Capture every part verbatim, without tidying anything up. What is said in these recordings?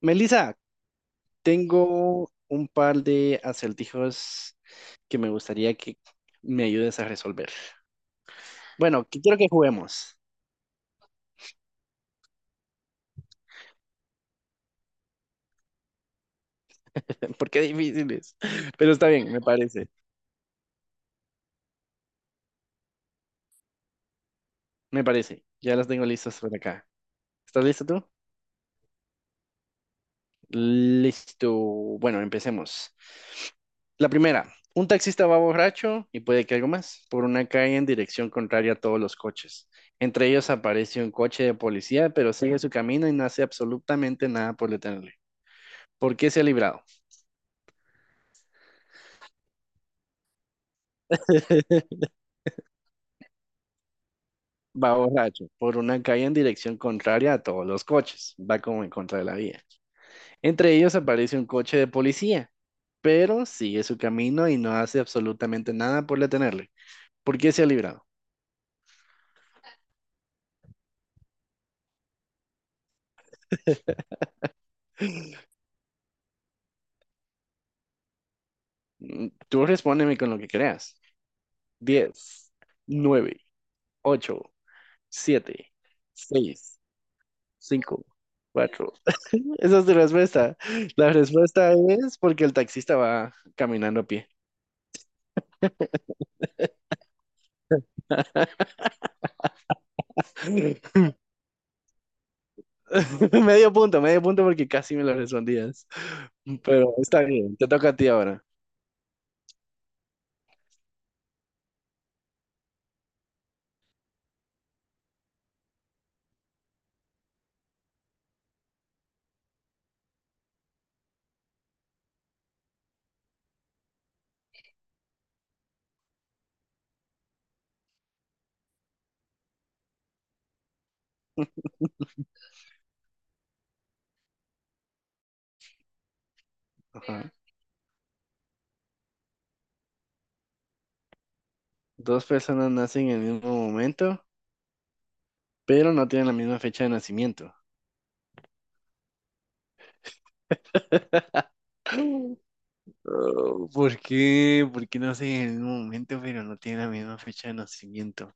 Melissa, tengo un par de acertijos que me gustaría que me ayudes a resolver. Bueno, que quiero que juguemos, porque difíciles. Pero está bien, me parece, me parece. Ya las tengo listas por acá. ¿Estás listo tú? Listo. Bueno, empecemos. La primera, un taxista va borracho y puede que algo más por una calle en dirección contraria a todos los coches. Entre ellos aparece un coche de policía, pero sigue su camino y no hace absolutamente nada por detenerle. ¿Por qué se ha librado? Va borracho por una calle en dirección contraria a todos los coches. Va como en contra de la vía. Entre ellos aparece un coche de policía, pero sigue su camino y no hace absolutamente nada por detenerle. ¿Por qué se ha librado? Mm, Tú respóndeme con lo que creas. Diez, nueve, ocho, siete, seis, cinco, cuatro. Esa es tu respuesta. La respuesta es porque el taxista va caminando a pie. Medio punto, medio punto porque casi me lo respondías. Pero está bien, te toca a ti ahora. Ajá. Dos personas nacen en el mismo momento, pero no tienen la misma fecha de nacimiento. Oh, ¿por qué? ¿Por qué nacen en el mismo momento, pero no tienen la misma fecha de nacimiento?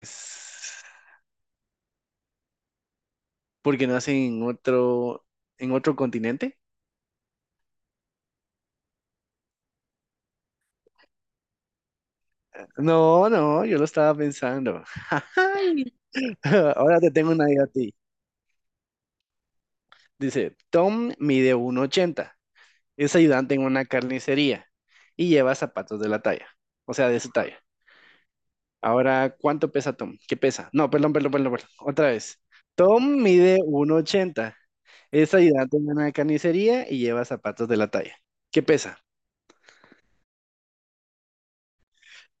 Es- ¿Porque nacen en otro, en otro continente? No, no, yo lo estaba pensando. Ahora te tengo una idea a ti. Dice, Tom mide uno ochenta. Es ayudante en una carnicería y lleva zapatos de la talla, o sea, de su talla. Ahora, ¿cuánto pesa Tom? ¿Qué pesa? No, perdón, perdón, perdón, perdón. Otra vez. Tom mide uno ochenta. Es ayudante en una carnicería y lleva zapatos de la talla. ¿Qué pesa?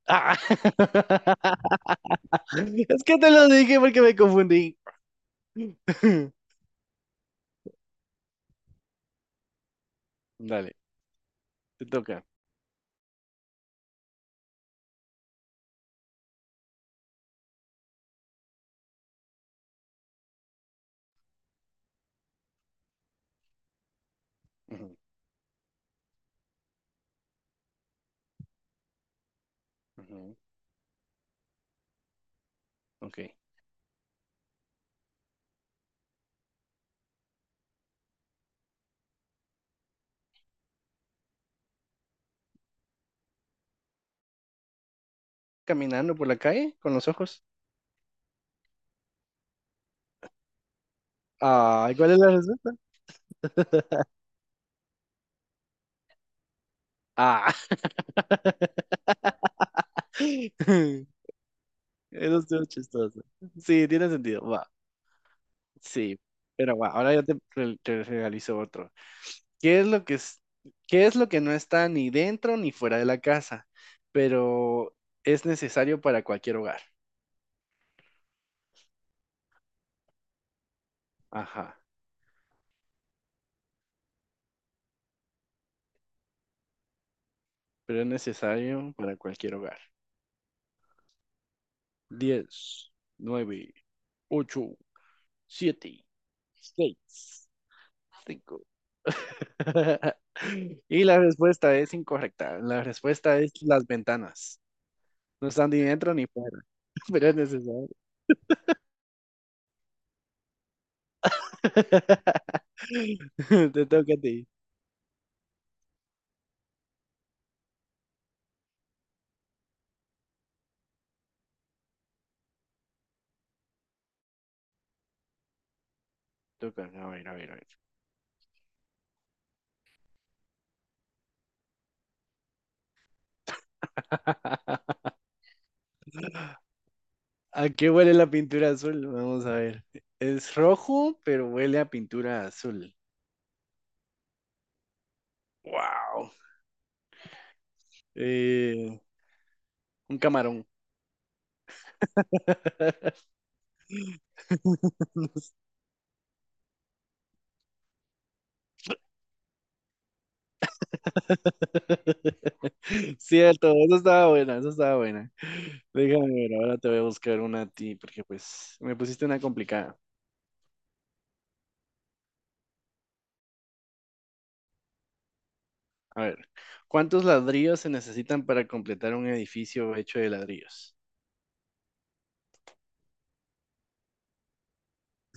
Ah, es que te lo dije porque me confundí. Dale, te toca. Ujú, ujú, ok. Caminando por la calle con los ojos. Ah, ¿cuál es la respuesta? Ah, eso estuvo chistoso. Sí, tiene sentido. Va, sí. Pero va, ahora yo te, re- te realizo otro. ¿Qué es lo que es, qué es lo que no está ni dentro ni fuera de la casa? Pero es necesario para cualquier hogar. Ajá. Pero es necesario para cualquier hogar. Diez, nueve, ocho, siete, seis, cinco. Y la respuesta es incorrecta. La respuesta es las ventanas. No están ni dentro ni fuera, pero es necesario. Te toca a ti. Toca. A ver, a ver, a ver. ¿A qué huele la pintura azul? Vamos a ver. Es rojo, pero huele a pintura azul. Wow. Eh, un camarón. Cierto, eso estaba buena, eso estaba buena. Déjame ver, ahora te voy a buscar una a ti, porque pues me pusiste una complicada. A ver, ¿cuántos ladrillos se necesitan para completar un edificio hecho de ladrillos?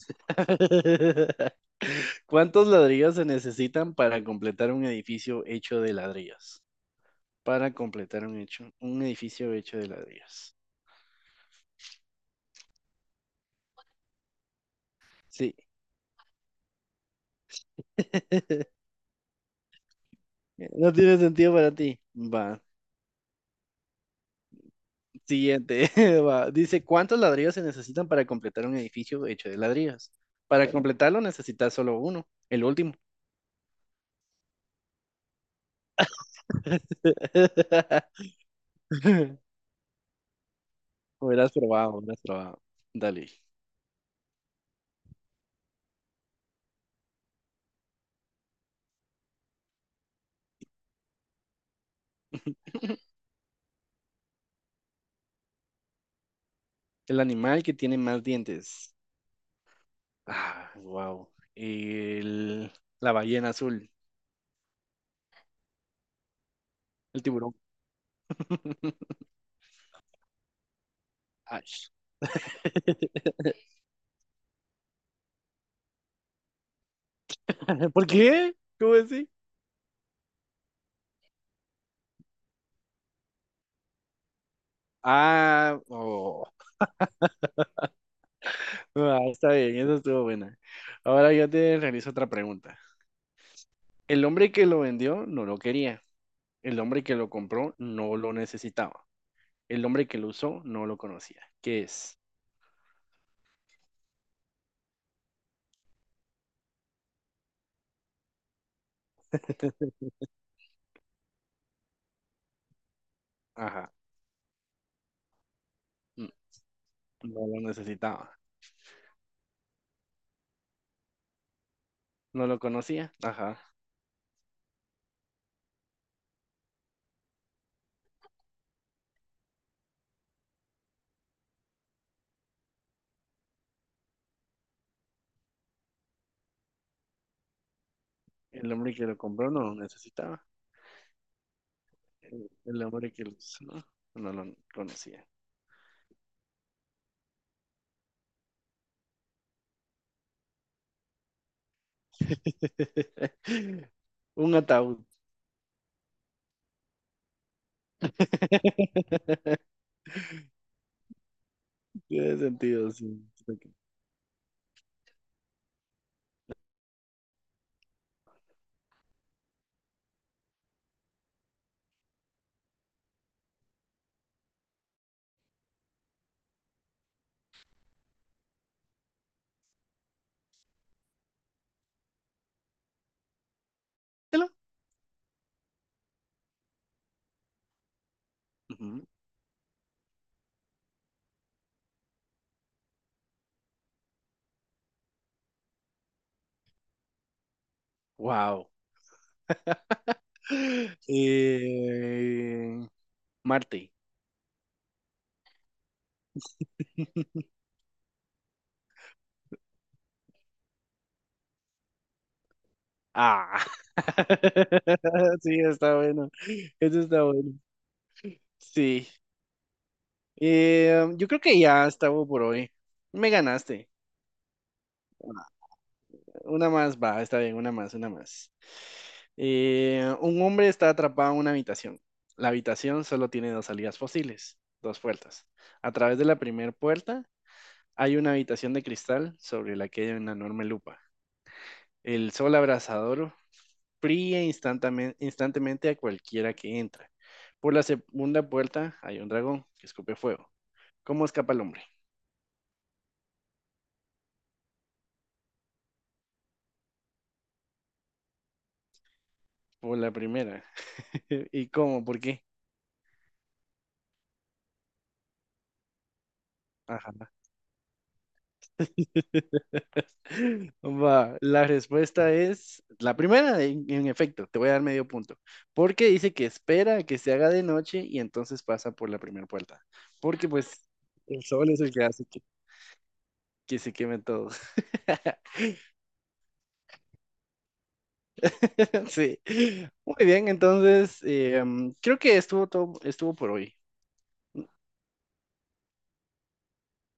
¿Cuántos ladrillos se necesitan para completar un edificio hecho de ladrillos? Para completar un hecho, un edificio hecho de ladrillos. Sí. No tiene sentido para ti. Va. Siguiente. Va. Dice, ¿cuántos ladrillos se necesitan para completar un edificio hecho de ladrillos? Para completarlo necesitas solo uno, el último. Hubieras probado, hubieras probado. Dale. El animal que tiene más dientes. Ah, wow. El... la ballena azul. El tiburón. Ay. ¿Por qué? ¿Cómo así? Ah, oh. Ah, está bien, eso estuvo buena. Ahora yo te realizo otra pregunta. El hombre que lo vendió no lo quería. El hombre que lo compró no lo necesitaba. El hombre que lo usó no lo conocía. ¿Qué es? Ajá. n- No lo necesitaba. No lo conocía. Ajá. El hombre que lo compró no lo necesitaba. El, el hombre que lo usó no lo conocía. Un ataúd. Tiene sentido, sí. Wow. Eh, Marte. Ah, sí, está bueno. Eso está bueno. Sí. Eh, yo creo que ya estaba por hoy. Me ganaste. Una más, va, está bien, una más, una más. Eh, un hombre está atrapado en una habitación. La habitación solo tiene dos salidas posibles, dos puertas. A través de la primera puerta hay una habitación de cristal sobre la que hay una enorme lupa. El sol abrasador fría instantáneamente a cualquiera que entra. Por la segunda puerta hay un dragón que escupe fuego. ¿Cómo escapa el hombre? Por la primera. ¿Y cómo? ¿Por qué? Ajá. Va, la respuesta es la primera, en, en efecto, te voy a dar medio punto, porque dice que espera a que se haga de noche y entonces pasa por la primera puerta, porque pues el sol es el que hace que, que se quemen todos. Sí. Muy bien, entonces eh, mm, creo que estuvo todo, estuvo por hoy. Mm,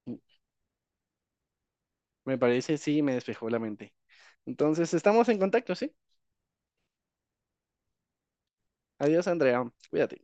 mm, Me parece, sí, me despejó la mente. Entonces, estamos en contacto, ¿sí? Adiós, Andrea. Cuídate.